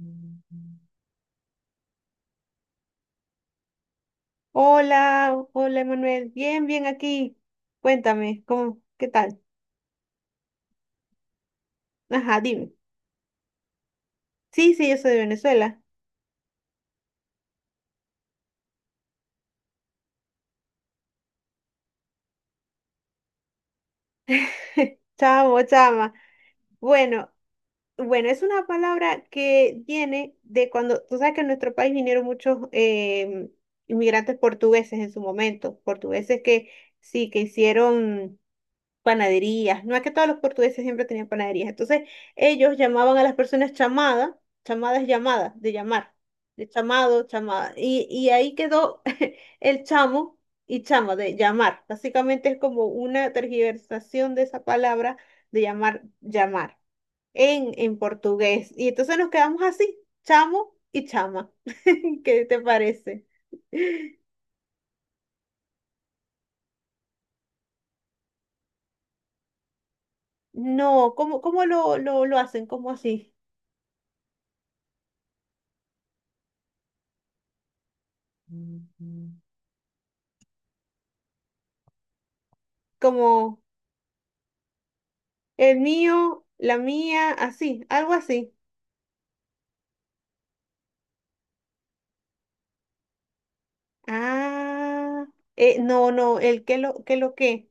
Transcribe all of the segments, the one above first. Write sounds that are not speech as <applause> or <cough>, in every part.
Mm. Hola, hola Emanuel, bien, bien aquí. Cuéntame, qué tal? Ajá, dime. Sí, sí, yo soy de Venezuela. <laughs> Chamo, chama. Bueno, bueno, es una palabra que viene de cuando, tú sabes que en nuestro país vinieron muchos inmigrantes portugueses en su momento, portugueses que sí, que hicieron panaderías. No es que todos los portugueses siempre tenían panaderías. Entonces, ellos llamaban a las personas chamada, chamada es llamada, de llamar, de chamado, chamada. Y ahí quedó <laughs> el chamo y chama, de llamar. Básicamente es como una tergiversación de esa palabra de llamar, llamar, en portugués. Y entonces nos quedamos así, chamo y chama. <laughs> ¿Qué te parece? No, ¿cómo lo hacen? ¿Cómo así? Como... El mío, la mía, así, algo así. Ah, no, no, el que lo, que lo que.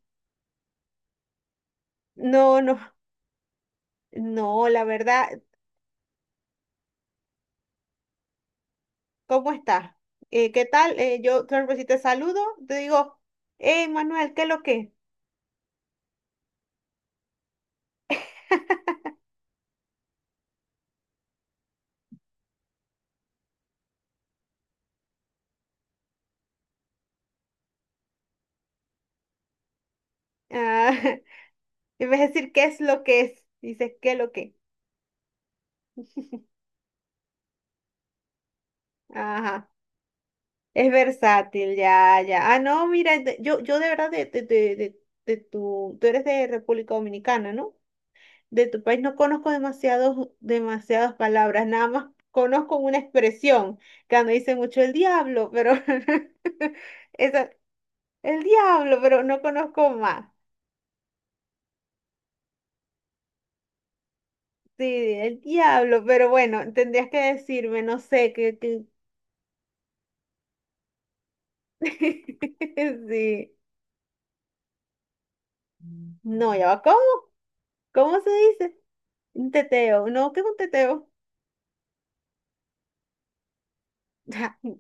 No, no, <laughs> no, la verdad, ¿cómo estás? ¿Qué tal? Yo, claro, que si te saludo, te digo, hey, Manuel, ¿qué lo que? Ah, <laughs> en vez de decir qué es lo que es, dices qué lo que. Ajá, es versátil, ya, ya. Ah, no, mira, yo de verdad, tú eres de República Dominicana, ¿no? De tu país no conozco demasiadas palabras, nada más conozco una expresión que me dice mucho el diablo, pero <laughs> esa, el diablo, pero no conozco más. Sí, el diablo, pero bueno, tendrías que decirme, no sé, que. <laughs> Sí. No, ya va, ¿cómo? ¿Cómo se dice? Un teteo, no, ¿qué es un teteo? <laughs>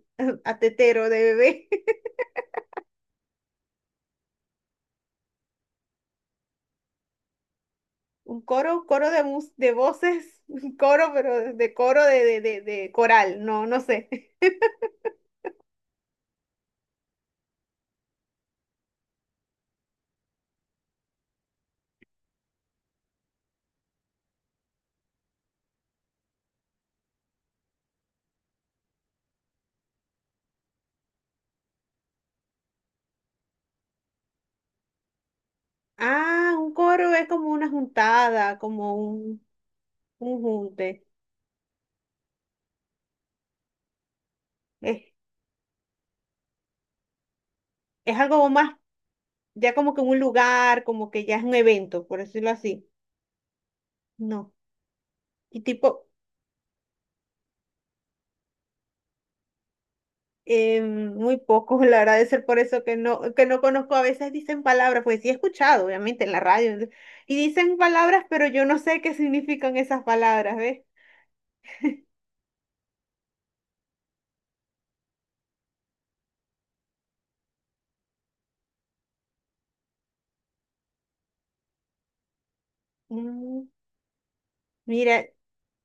A tetero de bebé. Un coro, de voces, <laughs> un coro, pero de coro de coral, no, no sé. <laughs> Ah, un coro es como una juntada, como un junte. Es, es algo más, ya como que un lugar, como que ya es un evento, por decirlo así. No. Y tipo, muy poco, <laughs> la verdad, de ser por eso que no conozco. A veces dicen palabras, pues sí he escuchado, obviamente, en la radio. Y dicen palabras, pero yo no sé qué significan esas palabras, ¿ves? Mm, Mira,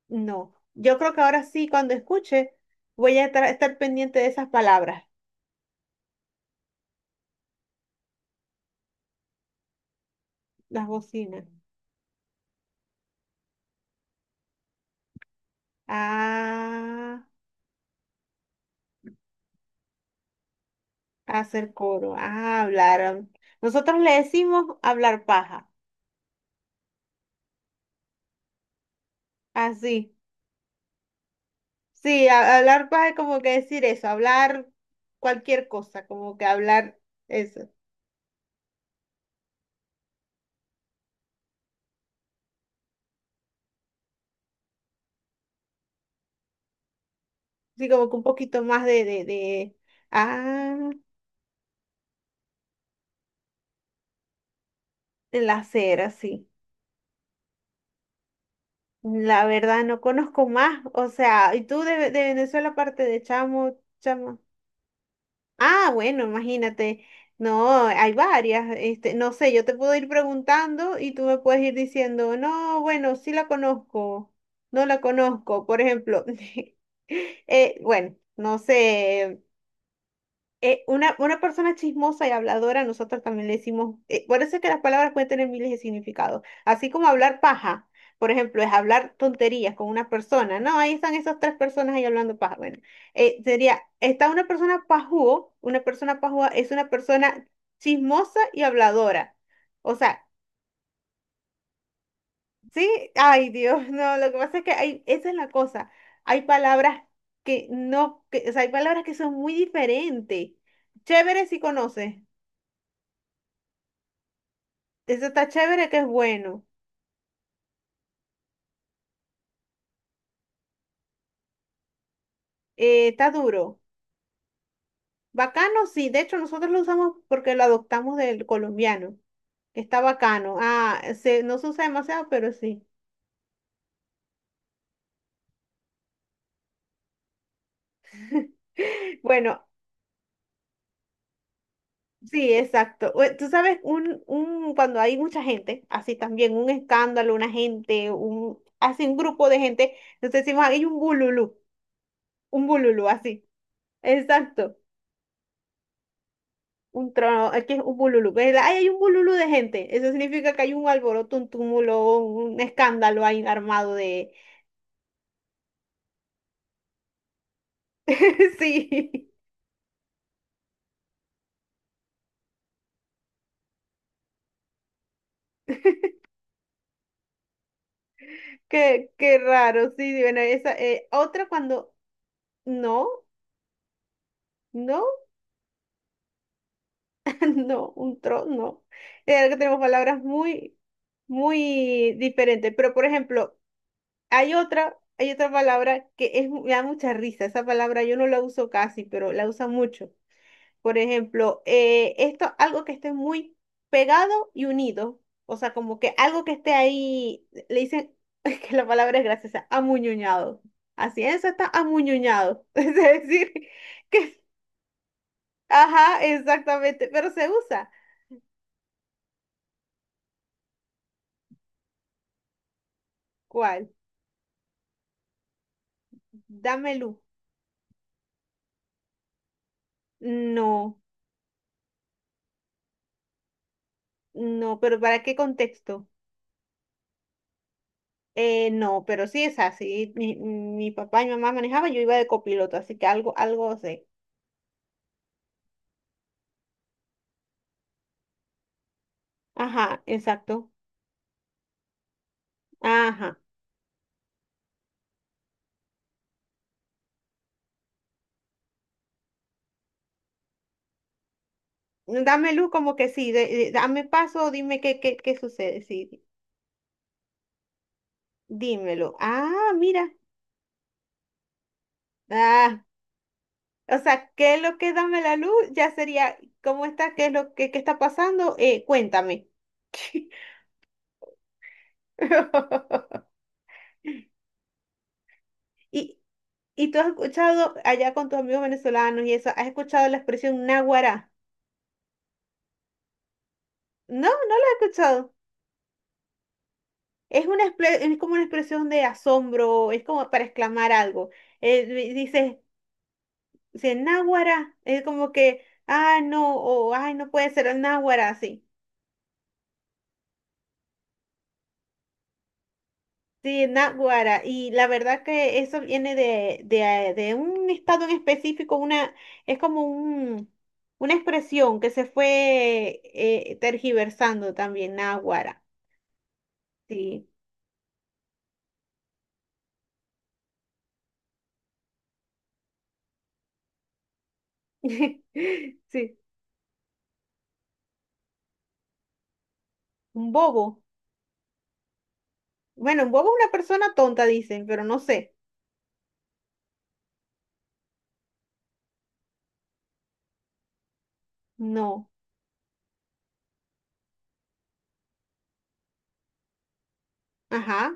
no, yo creo que ahora sí, cuando escuche, voy a estar pendiente de esas palabras, las bocinas. Ah, hacer coro, ah, hablar. Nosotros le decimos hablar paja, así. Sí, hablar paja es como que decir eso, hablar cualquier cosa, como que hablar eso. Sí, como que un poquito más de, ah, el hacer, sí. La verdad, no conozco más. O sea, y tú de Venezuela, aparte de chamo, chama? Ah, bueno, imagínate. No, hay varias. Este, no sé, yo te puedo ir preguntando y tú me puedes ir diciendo, no, bueno, sí la conozco, no la conozco. Por ejemplo, <laughs> bueno, no sé una persona chismosa y habladora, nosotros también le decimos, por eso es que las palabras pueden tener miles de significados, así como hablar paja, por ejemplo, es hablar tonterías con una persona, no, ahí están esas tres personas ahí hablando paja, bueno, sería, está una persona pajúo, una persona pajúa es una persona chismosa y habladora, o sea, sí, ay Dios, <laughs> no, lo que pasa es que hay, esa es la cosa, hay palabras que no, que, o sea, hay palabras que son muy diferentes, chévere si conoces. Ese está chévere que es bueno. Está duro. Bacano, sí. De hecho, nosotros lo usamos porque lo adoptamos del colombiano. Está bacano. Ah, no se usa demasiado, pero sí. <laughs> Bueno, sí, exacto. Tú sabes, cuando hay mucha gente, así también, un escándalo, una gente, un, así un grupo de gente, entonces decimos, hay un bululú, así. Exacto. Un trono, aquí es un bululú. Pues, ay, hay un bululú de gente. Eso significa que hay un alboroto, un túmulo, un escándalo ahí armado de. <laughs> Sí, qué raro. Sí, bueno, esa, otra cuando. No, no, <laughs> no, un trono, no. Que tenemos palabras muy, muy diferentes. Pero, por ejemplo, hay otra palabra que es, me da mucha risa. Esa palabra yo no la uso casi, pero la usa mucho. Por ejemplo, esto, algo que esté muy pegado y unido. O sea, como que algo que esté ahí, le dicen <laughs> que la palabra es graciosa, amuñuñado. Así es, está amuñuñado. <laughs> Es decir, que, ajá, exactamente, pero se usa. ¿Cuál? Dame luz. No, no, pero ¿para qué contexto? No, pero sí es así. Mi papá y mi mamá manejaban, yo iba de copiloto, así que algo, algo sé. Ajá, exacto. Ajá. Dame luz como que sí, dame paso, dime qué sucede, sí, dímelo. Ah, mira, ah, o sea, ¿qué es lo que dame la luz? Ya sería, ¿cómo está? ¿Qué es lo que qué está pasando? Cuéntame. <laughs> Y, y tú has escuchado allá con tus amigos venezolanos y eso, ¿has escuchado la expresión náguara? No, no la he escuchado. Es una es como una expresión de asombro, es como para exclamar algo. Dices, si es náguara, es como que, ah, no, o ay, no puede ser náguara, sí. Sí, náguara. Y la verdad que eso viene de un estado en específico, es como una expresión que se fue tergiversando también, náguara. Sí. <laughs> Sí. Un bobo. Bueno, un bobo es una persona tonta, dicen, pero no sé. No. Ajá.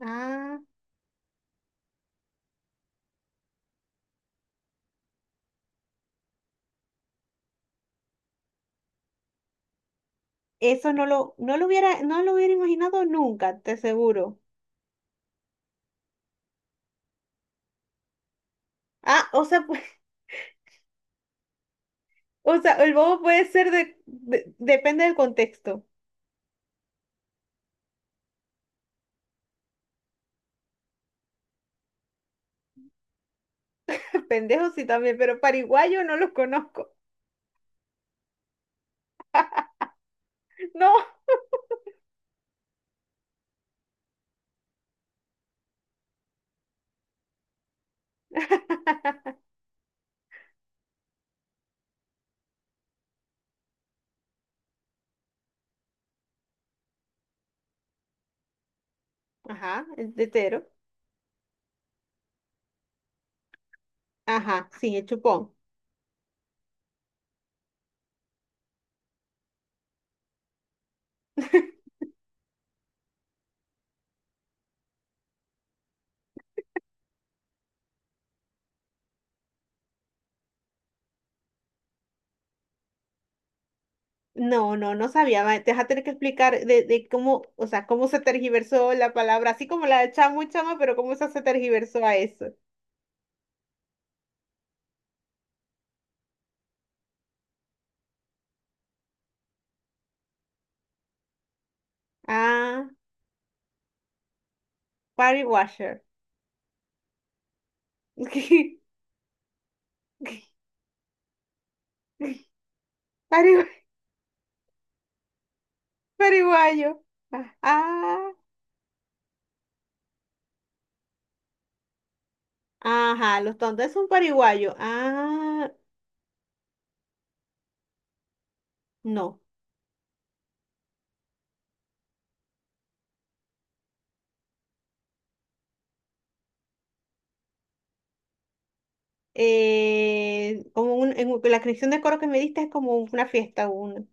Ah, eso no lo hubiera imaginado nunca, te aseguro. Ah, o sea, pues, <laughs> o sea, el bobo puede ser, depende del contexto. <laughs> Pendejo sí también, pero pariguayo no los conozco. <laughs> No. Ajá, el tetero. Ajá, sí, el chupón. No, no, no sabía. Te vas a tener que explicar de cómo, o sea, cómo se tergiversó la palabra, así como la de chamo y chama, pero cómo esa se tergiversó a eso. Ah, pariguayer. <laughs> Parigu- Pariguayo. Ah, ah, ajá, los tontos es un pariguayo. Ah, no. Como un, en un- la canción de coro que me diste es como una fiesta, un,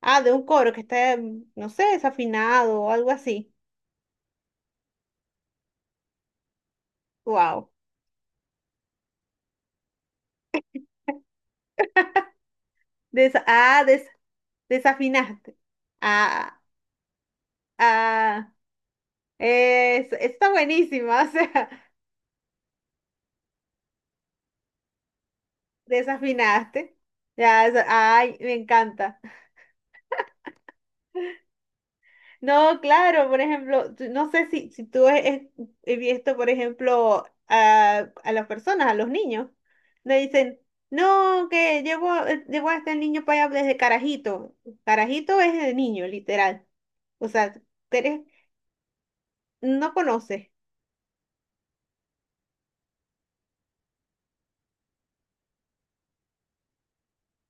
ah, de un coro que está, no sé, desafinado o algo así. Wow. Desa- ah, des- desafinaste. Ah, ah, está buenísima, <laughs> o sea, desafinaste. Ya, ay, me encanta. No, claro, por ejemplo, no sé si tú he visto, por ejemplo, a las personas, a los niños, le dicen, no, que llevo a este niño para allá desde carajito. Carajito es el niño, literal. O sea, eres, no conoces.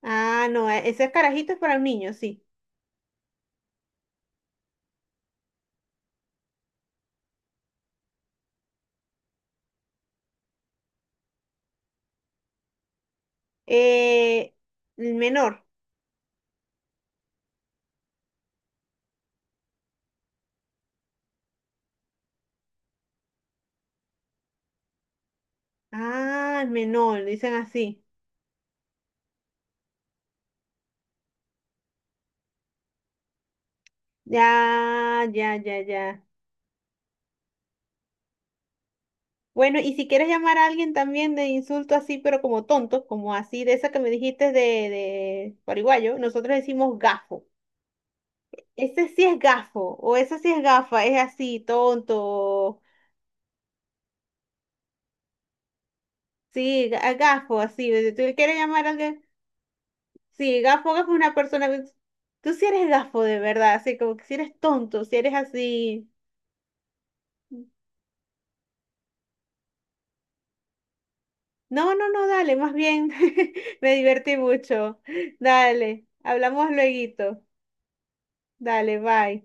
Ah, no, ese carajito es para un niño, sí. Eh, el menor. Ah, el menor, dicen así. Ya, ya, ya, ya. Bueno, y si quieres llamar a alguien también de insulto así, pero como tonto, como así de esa que me dijiste de paraguayo, nosotros decimos gafo. Ese sí es gafo, o esa sí es gafa, es así, tonto. Sí, gafo, así. Si tú quieres llamar a alguien, sí, gafo, gafo es una persona. Tú sí eres gafo de verdad, así como que si eres tonto, si eres así. No, no, no, dale, más bien. <laughs> Me divertí mucho. Dale, hablamos lueguito. Dale, bye.